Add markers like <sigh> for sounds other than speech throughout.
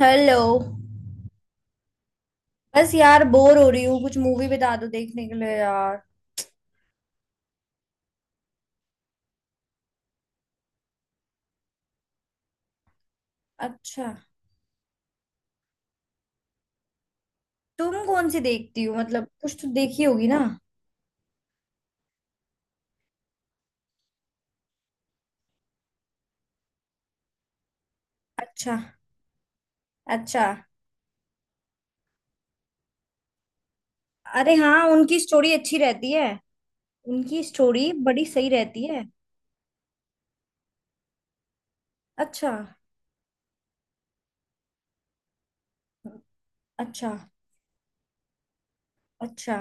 Hello. बस यार bore हो रही हूँ, कुछ मूवी बता दो देखने के लिए यार। अच्छा। तुम कौन सी देखती हो, मतलब कुछ तो देखी होगी ना? अच्छा। अच्छा। अरे हाँ, उनकी स्टोरी अच्छी रहती है। उनकी स्टोरी बड़ी सही रहती है। अच्छा। अच्छा। अच्छा।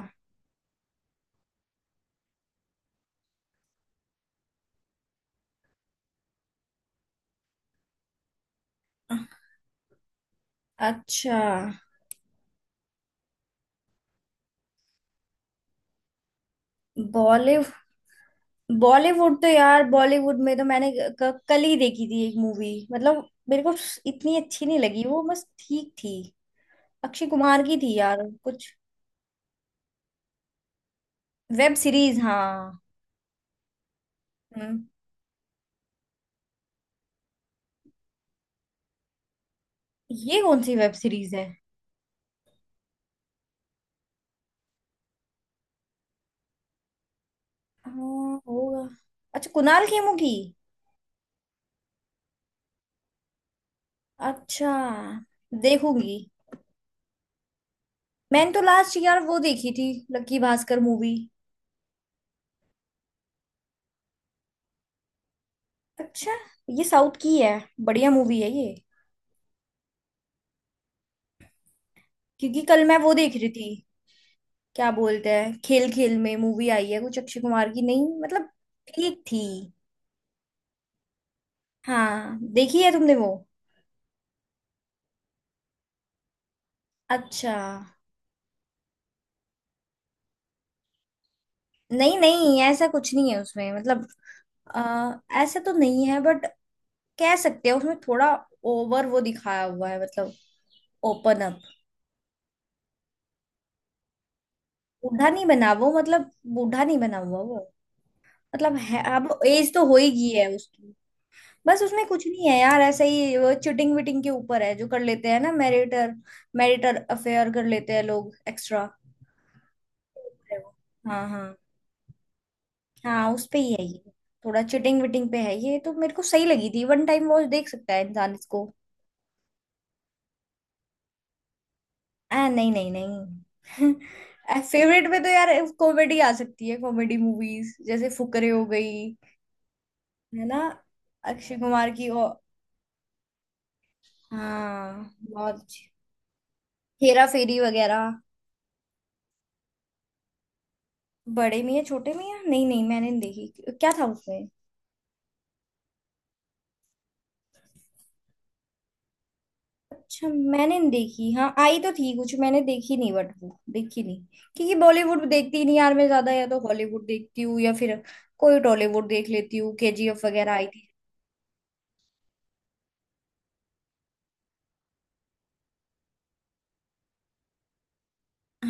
अच्छा। बॉलीवुड। बॉलीवुड तो यार, बॉलीवुड में तो मैंने कल ही देखी थी एक मूवी, मतलब मेरे को इतनी अच्छी नहीं लगी वो, बस ठीक थी। अक्षय कुमार की थी यार कुछ। वेब सीरीज, हाँ। हम्म। ये कौन सी वेब सीरीज है? हाँ। होगा। अच्छा, कुणाल खेमू की। अच्छा। देखूंगी। मैंने तो लास्ट यार वो देखी थी, लक्की भास्कर मूवी। अच्छा। ये साउथ की है, बढ़िया मूवी है ये। क्योंकि कल मैं वो देख रही थी। क्या बोलते हैं, खेल खेल में मूवी आई है कुछ अक्षय कुमार की, नहीं मतलब। ठीक थी। हाँ, देखी है तुमने वो? अच्छा। नहीं नहीं, ऐसा कुछ नहीं है उसमें मतलब। आ, ऐसा तो नहीं है बट कह सकते हैं, उसमें थोड़ा ओवर वो दिखाया हुआ है मतलब। Open up. बूढ़ा नहीं बना वो, मतलब बूढ़ा नहीं बना हुआ वो। मतलब है, अब एज तो हो ही गई है उसकी। बस उसमें कुछ नहीं है यार, ऐसे ही वो चिटिंग विटिंग के ऊपर है, जो कर लेते हैं ना, मैरिटर मैरिटर अफेयर कर लेते हैं लोग, एक्स्ट्रा। हाँ हाँ। हाँ उस पे ही है ये। थोड़ा चिटिंग विटिंग पे है ये, तो मेरे को सही लगी थी, वन टाइम वॉच देख सकता है इंसान इसको। नहीं नहीं नहीं। <laughs> फेवरेट में तो यार कॉमेडी आ सकती है, कॉमेडी मूवीज जैसे फुकरे हो गई। है ना? अक्षय कुमार की ओ, हाँ, बहुत अच्छी। हेरा फेरी वगैरह। बड़े मियां छोटे मियां, नहीं नहीं मैंने नहीं देखी, क्या था उसमें? अच्छा मैंने नहीं देखी, हाँ आई तो थी कुछ, मैंने देखी नहीं बट वो देखी नहीं, क्योंकि बॉलीवुड देखती ही नहीं यार मैं ज्यादा, या तो हॉलीवुड देखती हूँ या फिर कोई टॉलीवुड देख लेती हूँ, केजीएफ वगैरह आई थी।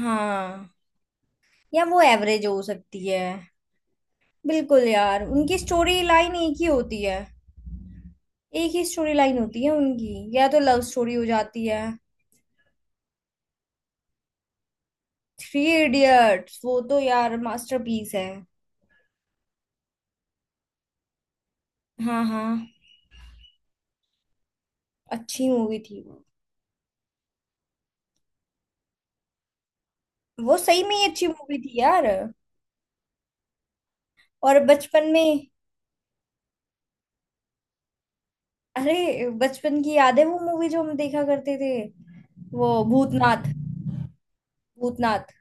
हाँ या वो एवरेज हो सकती है। बिल्कुल यार, उनकी स्टोरी लाइन एक ही होती है। एक ही स्टोरी लाइन होती है उनकी, या तो लव स्टोरी हो जाती है। थ्री इडियट्स, वो तो यार मास्टरपीस है। हाँ हाँ। अच्छी मूवी थी वो। वो सही में ही अच्छी मूवी थी यार। और बचपन में, अरे बचपन की याद है वो मूवी जो हम देखा करते थे, वो भूतनाथ। भूतनाथ।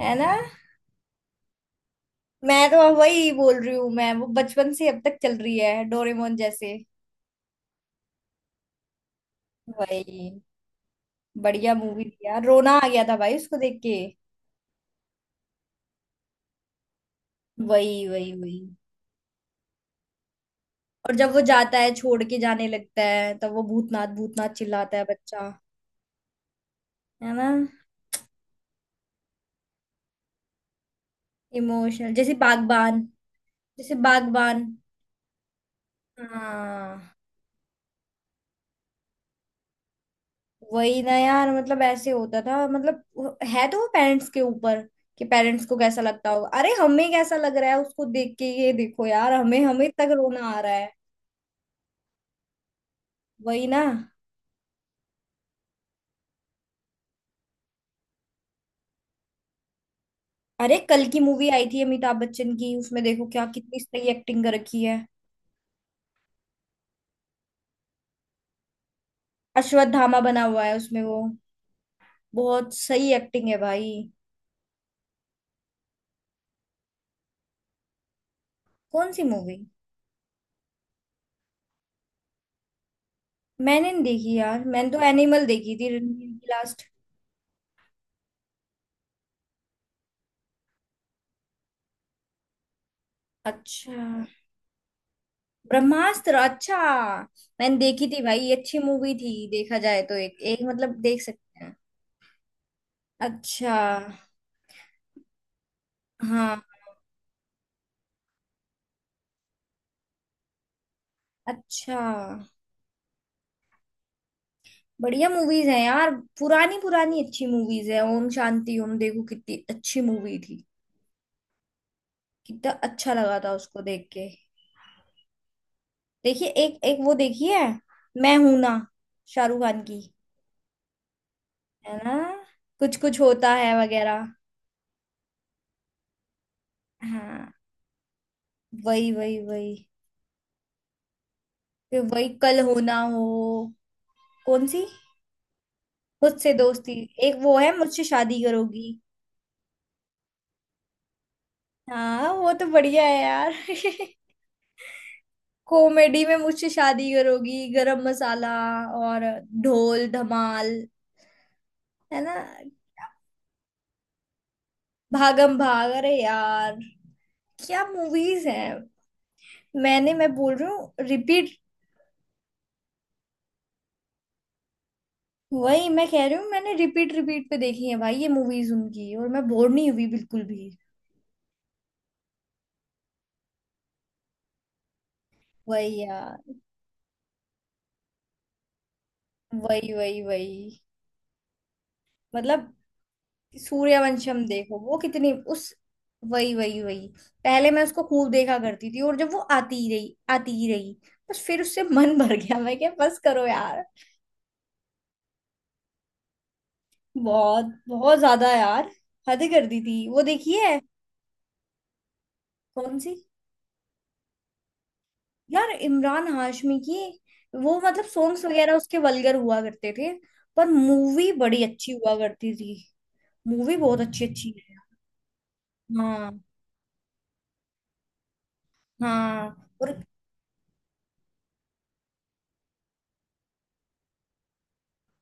है ना? मैं तो वही बोल रही हूँ, मैं वो बचपन से अब तक चल रही है डोरेमोन जैसे। वही, बढ़िया मूवी थी यार, रोना आ गया था भाई उसको देख के। वही वही वही। और जब वो जाता है छोड़ के जाने लगता है, तब वो भूतनाथ भूतनाथ चिल्लाता है बच्चा। है ना? इमोशनल जैसे बागबान। जैसे बागबान। हाँ। वही ना यार, मतलब ऐसे होता था मतलब है तो वो पेरेंट्स के ऊपर, कि पेरेंट्स को कैसा लगता होगा, अरे हमें कैसा लग रहा है उसको देख के, ये देखो यार हमें हमें तक रोना आ रहा है। वही ना। अरे कल की मूवी आई थी अमिताभ बच्चन की, उसमें देखो क्या कितनी सही एक्टिंग कर रखी है। अश्वत्थामा बना हुआ है उसमें वो। बहुत सही एक्टिंग है भाई। कौन सी मूवी? मैंने नहीं देखी यार, मैंने तो एनिमल देखी थी रणवीर की, लास्ट। अच्छा। ब्रह्मास्त्र, अच्छा। मैंने देखी थी भाई, ये अच्छी मूवी थी, देखा जाए तो एक एक मतलब देख सकते हैं। अच्छा। हाँ। अच्छा। बढ़िया मूवीज हैं यार। पुरानी पुरानी अच्छी मूवीज है, ओम शांति ओम देखो कितनी अच्छी मूवी थी। कितना अच्छा लगा था उसको देख के। देखिए एक एक वो देखिए। मैं हूं ना। शाहरुख खान की। है ना? कुछ कुछ होता है वगैरह। हाँ। वही वही वही। फिर वही कल होना हो। कौन सी? मुझसे दोस्ती। एक वो है, मुझसे शादी करोगी। हाँ वो तो बढ़िया है यार। <laughs> कॉमेडी में मुझसे शादी करोगी, गरम मसाला और ढोल धमाल। है ना? भागम भाग, अरे यार क्या मूवीज हैं। मैं बोल रही हूँ रिपीट। वही मैं कह रही हूँ, मैंने रिपीट रिपीट पे देखी है भाई ये मूवीज उनकी, और मैं बोर नहीं हुई बिल्कुल भी। वही यार। वही वही वही। मतलब सूर्यवंशम देखो, वो कितनी उस। वही वही वही। पहले मैं उसको खूब देखा करती थी, और जब वो आती ही रही आती ही रही, बस फिर उससे मन भर गया, मैं क्या बस करो यार। बहुत बहुत ज्यादा यार। हद कर दी थी वो, देखी है? कौन सी? यार इमरान हाशमी की वो, मतलब सॉन्ग्स वगैरह उसके वल्गर हुआ करते थे। पर मूवी बड़ी अच्छी हुआ करती थी। मूवी बहुत अच्छी अच्छी है। हाँ हाँ। और।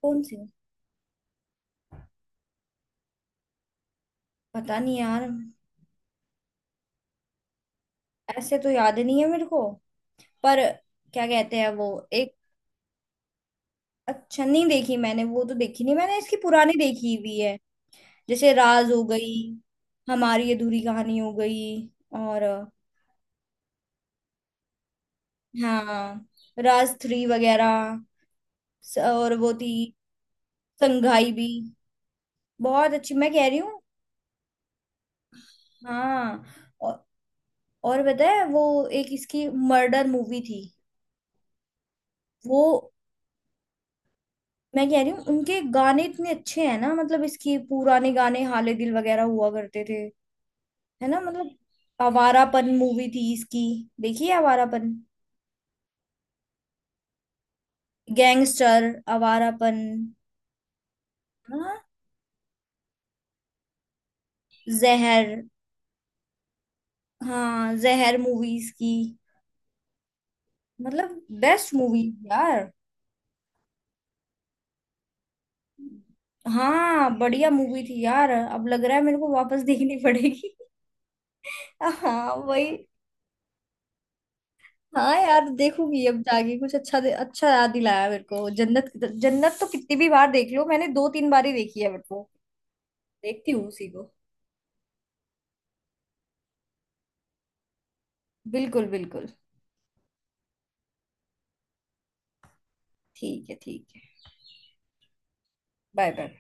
कौन सी? पता नहीं यार। ऐसे तो याद नहीं है मेरे को। पर क्या कहते हैं वो। एक। अच्छा नहीं देखी मैंने, वो तो देखी नहीं मैंने, इसकी पुरानी देखी हुई है। जैसे राज हो गई, हमारी अधूरी कहानी हो गई, और हाँ, राज थ्री वगैरह। और वो थी संघाई भी, बहुत अच्छी मैं कह रही हूँ। हाँ। और। और पता है वो, एक इसकी मर्डर मूवी थी। वो मैं कह रही हूँ, उनके गाने इतने अच्छे हैं ना, मतलब इसकी पुराने गाने हाले दिल वगैरह हुआ करते थे। है ना? मतलब आवारापन मूवी थी इसकी, देखिए आवारापन, गैंगस्टर आवारापन। हाँ जहर। हाँ जहर मूवीज की, मतलब बेस्ट मूवी यार। हाँ बढ़िया मूवी थी यार, अब लग रहा है मेरे को वापस देखनी पड़ेगी। <laughs> हाँ वही। हाँ यार देखूंगी, अब जाके कुछ अच्छा अच्छा याद दिलाया मेरे को, जन्नत। जन्नत तो कितनी भी बार देख लो, मैंने दो तीन बार ही देखी है मेरे को। देखती हूँ उसी को। बिल्कुल बिल्कुल। ठीक है ठीक है। Bye bye.